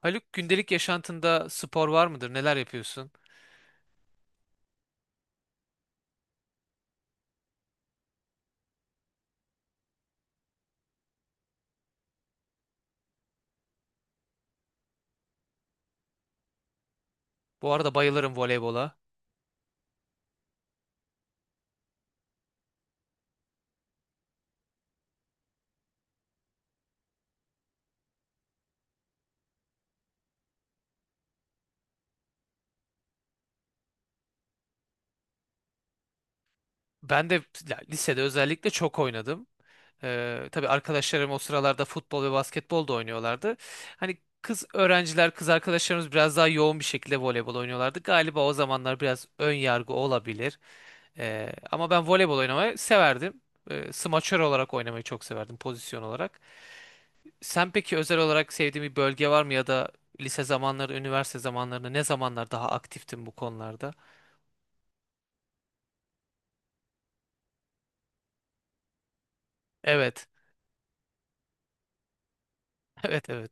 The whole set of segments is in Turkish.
Haluk gündelik yaşantında spor var mıdır? Neler yapıyorsun? Bu arada bayılırım voleybola. Ben de ya, lisede özellikle çok oynadım. Tabii arkadaşlarım o sıralarda futbol ve basketbol da oynuyorlardı. Hani kız öğrenciler, kız arkadaşlarımız biraz daha yoğun bir şekilde voleybol oynuyorlardı. Galiba o zamanlar biraz ön yargı olabilir. Ama ben voleybol oynamayı severdim. Smaçör olarak oynamayı çok severdim pozisyon olarak. Sen peki özel olarak sevdiğin bir bölge var mı ya da lise zamanları, üniversite zamanlarında ne zamanlar daha aktiftin bu konularda? Evet. Evet, evet.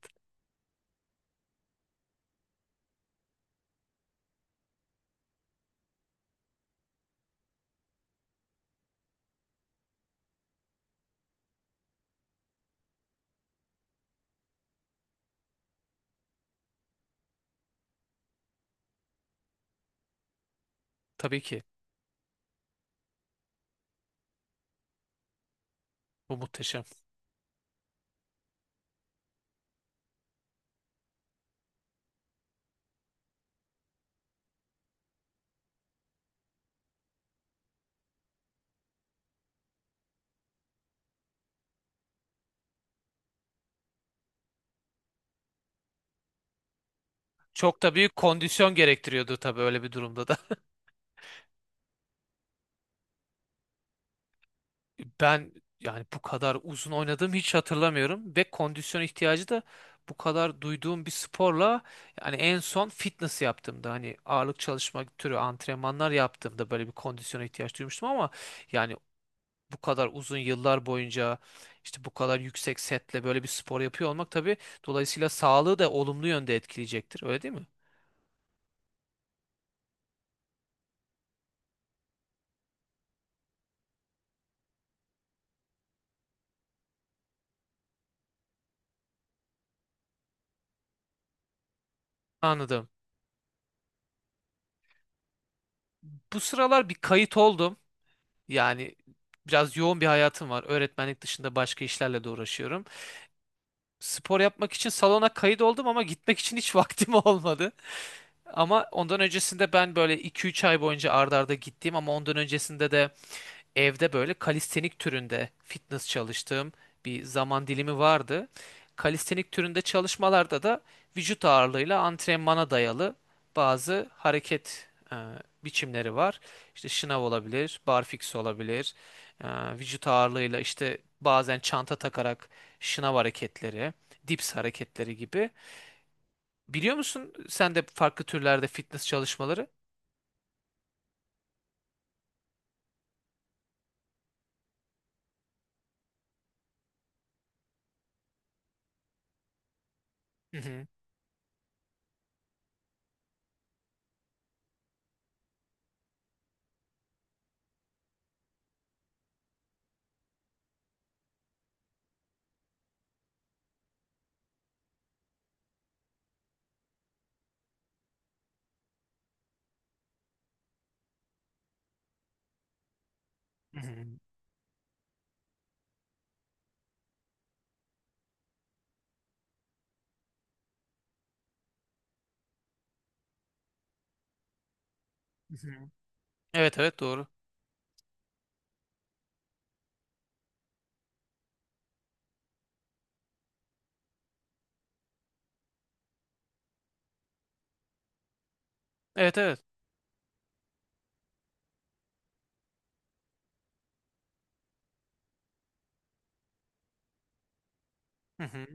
Tabii ki. Bu muhteşem. Çok da büyük kondisyon gerektiriyordu tabii öyle bir durumda da. Ben yani bu kadar uzun oynadığımı hiç hatırlamıyorum ve kondisyon ihtiyacı da bu kadar duyduğum bir sporla yani en son fitness yaptığımda hani ağırlık çalışma türü antrenmanlar yaptığımda böyle bir kondisyona ihtiyaç duymuştum ama yani bu kadar uzun yıllar boyunca işte bu kadar yüksek setle böyle bir spor yapıyor olmak tabii dolayısıyla sağlığı da olumlu yönde etkileyecektir. Öyle değil mi? Anladım. Bu sıralar bir kayıt oldum. Yani biraz yoğun bir hayatım var. Öğretmenlik dışında başka işlerle de uğraşıyorum. Spor yapmak için salona kayıt oldum ama gitmek için hiç vaktim olmadı. Ama ondan öncesinde ben böyle 2-3 ay boyunca ardarda arda gittiğim ama ondan öncesinde de evde böyle kalistenik türünde fitness çalıştığım bir zaman dilimi vardı. Kalistenik türünde çalışmalarda da vücut ağırlığıyla antrenmana dayalı bazı hareket biçimleri var. İşte şınav olabilir, barfiks olabilir, e, vücut ağırlığıyla işte bazen çanta takarak şınav hareketleri, dips hareketleri gibi. Biliyor musun sen de farklı türlerde fitness çalışmaları? Hı hı. Hı hı. Hı hı. Evet, evet, doğru. Evet, evet. Hı hı.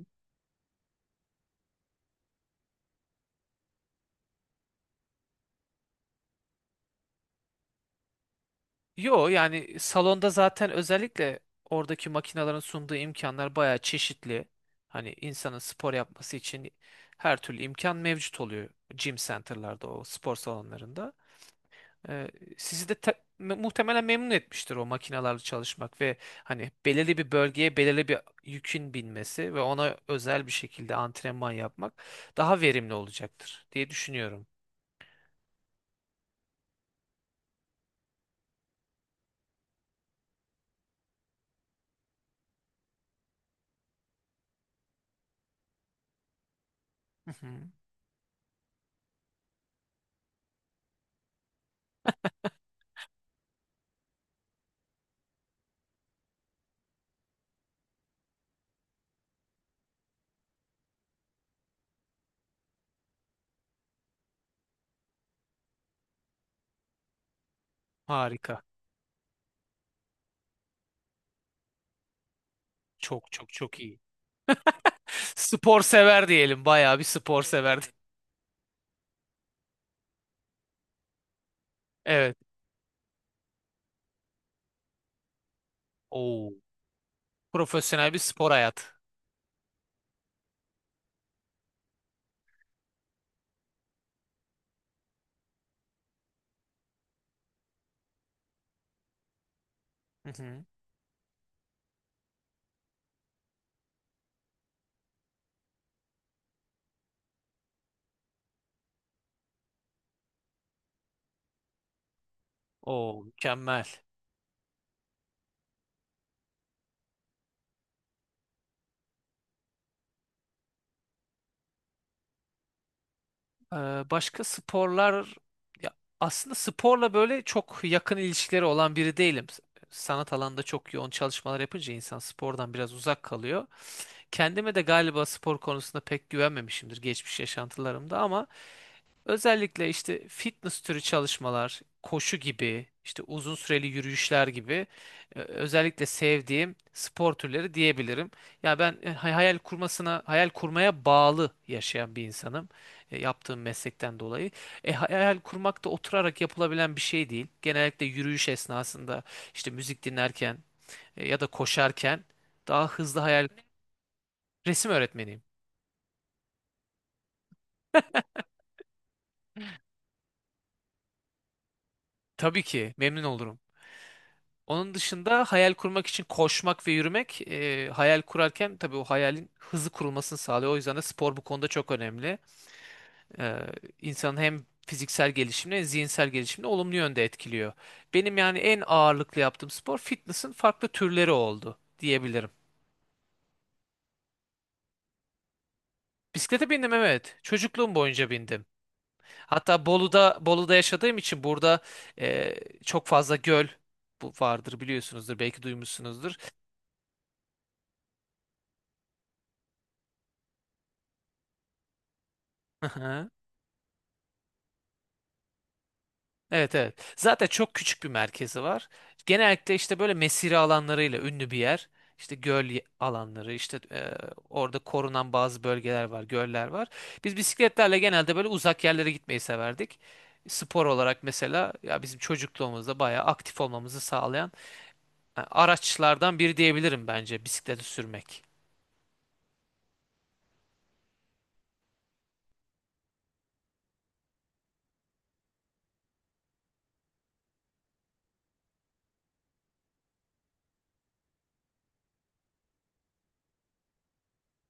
Yo yani salonda zaten özellikle oradaki makinaların sunduğu imkanlar bayağı çeşitli. Hani insanın spor yapması için her türlü imkan mevcut oluyor gym center'larda o spor salonlarında. Ee, Sizi de muhtemelen memnun etmiştir o makinalarla çalışmak ve hani belirli bir bölgeye belirli bir yükün binmesi ve ona özel bir şekilde antrenman yapmak daha verimli olacaktır diye düşünüyorum. Hı hı. Harika. Çok çok çok iyi. Spor sever diyelim. Bayağı bir spor sever. Evet. Oo. Profesyonel bir spor hayat. Hı hı. Oo, mükemmel. Ee, Başka sporlar ya aslında sporla böyle çok yakın ilişkileri olan biri değilim. Sanat alanında çok yoğun çalışmalar yapınca insan spordan biraz uzak kalıyor. Kendime de galiba spor konusunda pek güvenmemişimdir geçmiş yaşantılarımda ama özellikle işte fitness türü çalışmalar, koşu gibi, işte uzun süreli yürüyüşler gibi özellikle sevdiğim spor türleri diyebilirim. Ya ben e, hayal kurmasına, hayal kurmaya bağlı yaşayan bir insanım, yaptığım meslekten dolayı. E, hayal kurmak da oturarak yapılabilen bir şey değil. Genellikle yürüyüş esnasında işte müzik dinlerken ya da koşarken daha hızlı hayal. Resim öğretmeniyim. Tabii ki memnun olurum. Onun dışında hayal kurmak için koşmak ve yürümek, hayal kurarken tabii o hayalin hızlı kurulmasını sağlıyor. O yüzden de spor bu konuda çok önemli. E, insanın hem fiziksel gelişimini hem zihinsel gelişimini olumlu yönde etkiliyor. Benim yani en ağırlıklı yaptığım spor fitness'ın farklı türleri oldu diyebilirim. Bisiklete bindim, evet. Çocukluğum boyunca bindim. Hatta Bolu'da yaşadığım için burada e, çok fazla göl bu vardır, biliyorsunuzdur, belki duymuşsunuzdur. Evet, evet. Zaten çok küçük bir merkezi var. Genellikle işte böyle mesire alanlarıyla ünlü bir yer. İşte alanları, işte orada korunan bazı bölgeler var, göller var. Biz bisikletlerle genelde böyle uzak yerlere gitmeyi severdik. Spor olarak mesela ya bizim çocukluğumuzda bayağı aktif olmamızı sağlayan araçlardan biri diyebilirim bence bisikleti sürmek.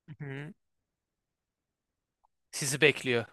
Hı hı. Sizi bekliyor.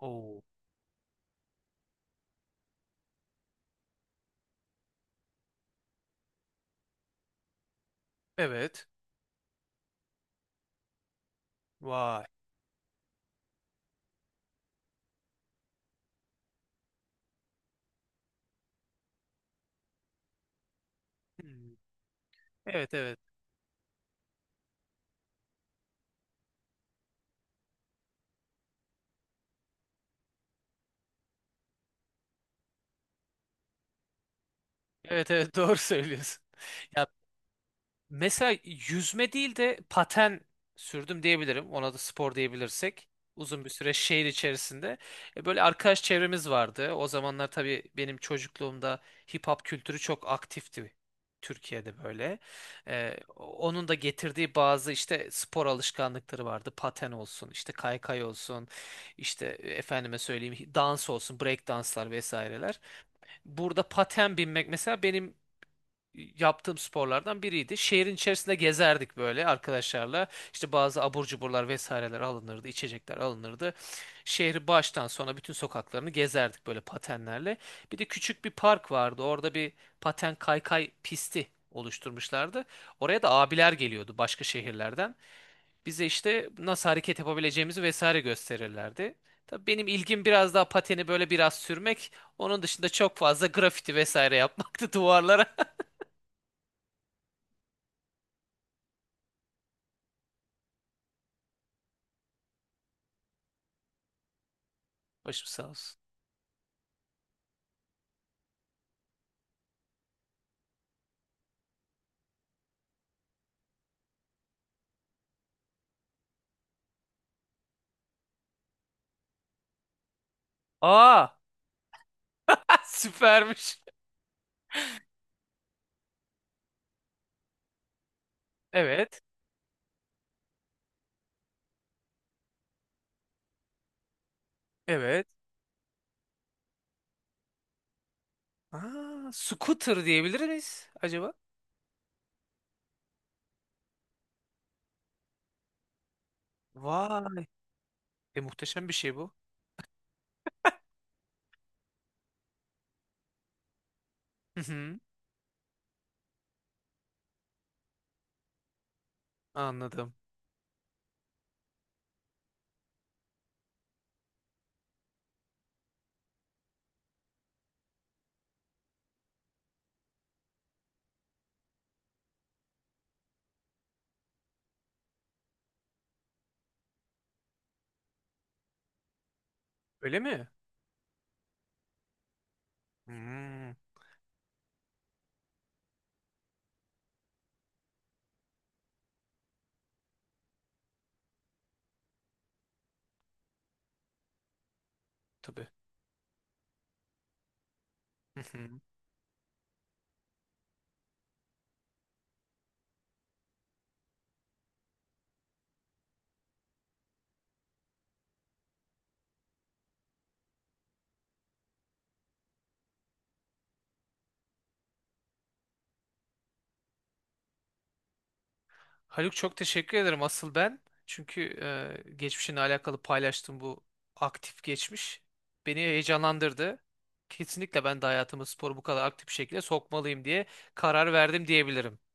Oo. Evet. Vay. Hmm. Evet, evet. Evet, evet, doğru söylüyorsun. Ya mesela yüzme değil de paten sürdüm diyebilirim. Ona da spor diyebilirsek. Uzun bir süre şehir içerisinde. E, böyle arkadaş çevremiz vardı. O zamanlar tabii benim çocukluğumda hip hop kültürü çok aktifti Türkiye'de böyle. E, onun da getirdiği bazı işte spor alışkanlıkları vardı. Paten olsun, işte kaykay olsun, işte e, efendime söyleyeyim dans olsun, break danslar vesaireler. Burada paten binmek mesela benim yaptığım sporlardan biriydi. Şehrin içerisinde gezerdik böyle arkadaşlarla. İşte bazı abur cuburlar vesaireler alınırdı, içecekler alınırdı. Şehri baştan sona bütün sokaklarını gezerdik böyle patenlerle. Bir de küçük bir park vardı. Orada bir paten kaykay pisti oluşturmuşlardı. Oraya da abiler geliyordu başka şehirlerden. Bize işte nasıl hareket yapabileceğimizi vesaire gösterirlerdi. Tabii benim ilgim biraz daha pateni böyle biraz sürmek. Onun dışında çok fazla grafiti vesaire yapmaktı duvarlara. Başım sağ olsun. Aa, süpermiş. Evet, evet. Aa, scooter diyebilir miyiz acaba? Vay, muhteşem bir şey bu. Hı hı, anladım. Öyle mi? Hmm, tabii. Hı hı. Haluk, çok teşekkür ederim asıl ben. Çünkü geçmişinle alakalı paylaştığım bu aktif geçmiş beni heyecanlandırdı. Kesinlikle ben de hayatıma sporu bu kadar aktif bir şekilde sokmalıyım diye karar verdim diyebilirim.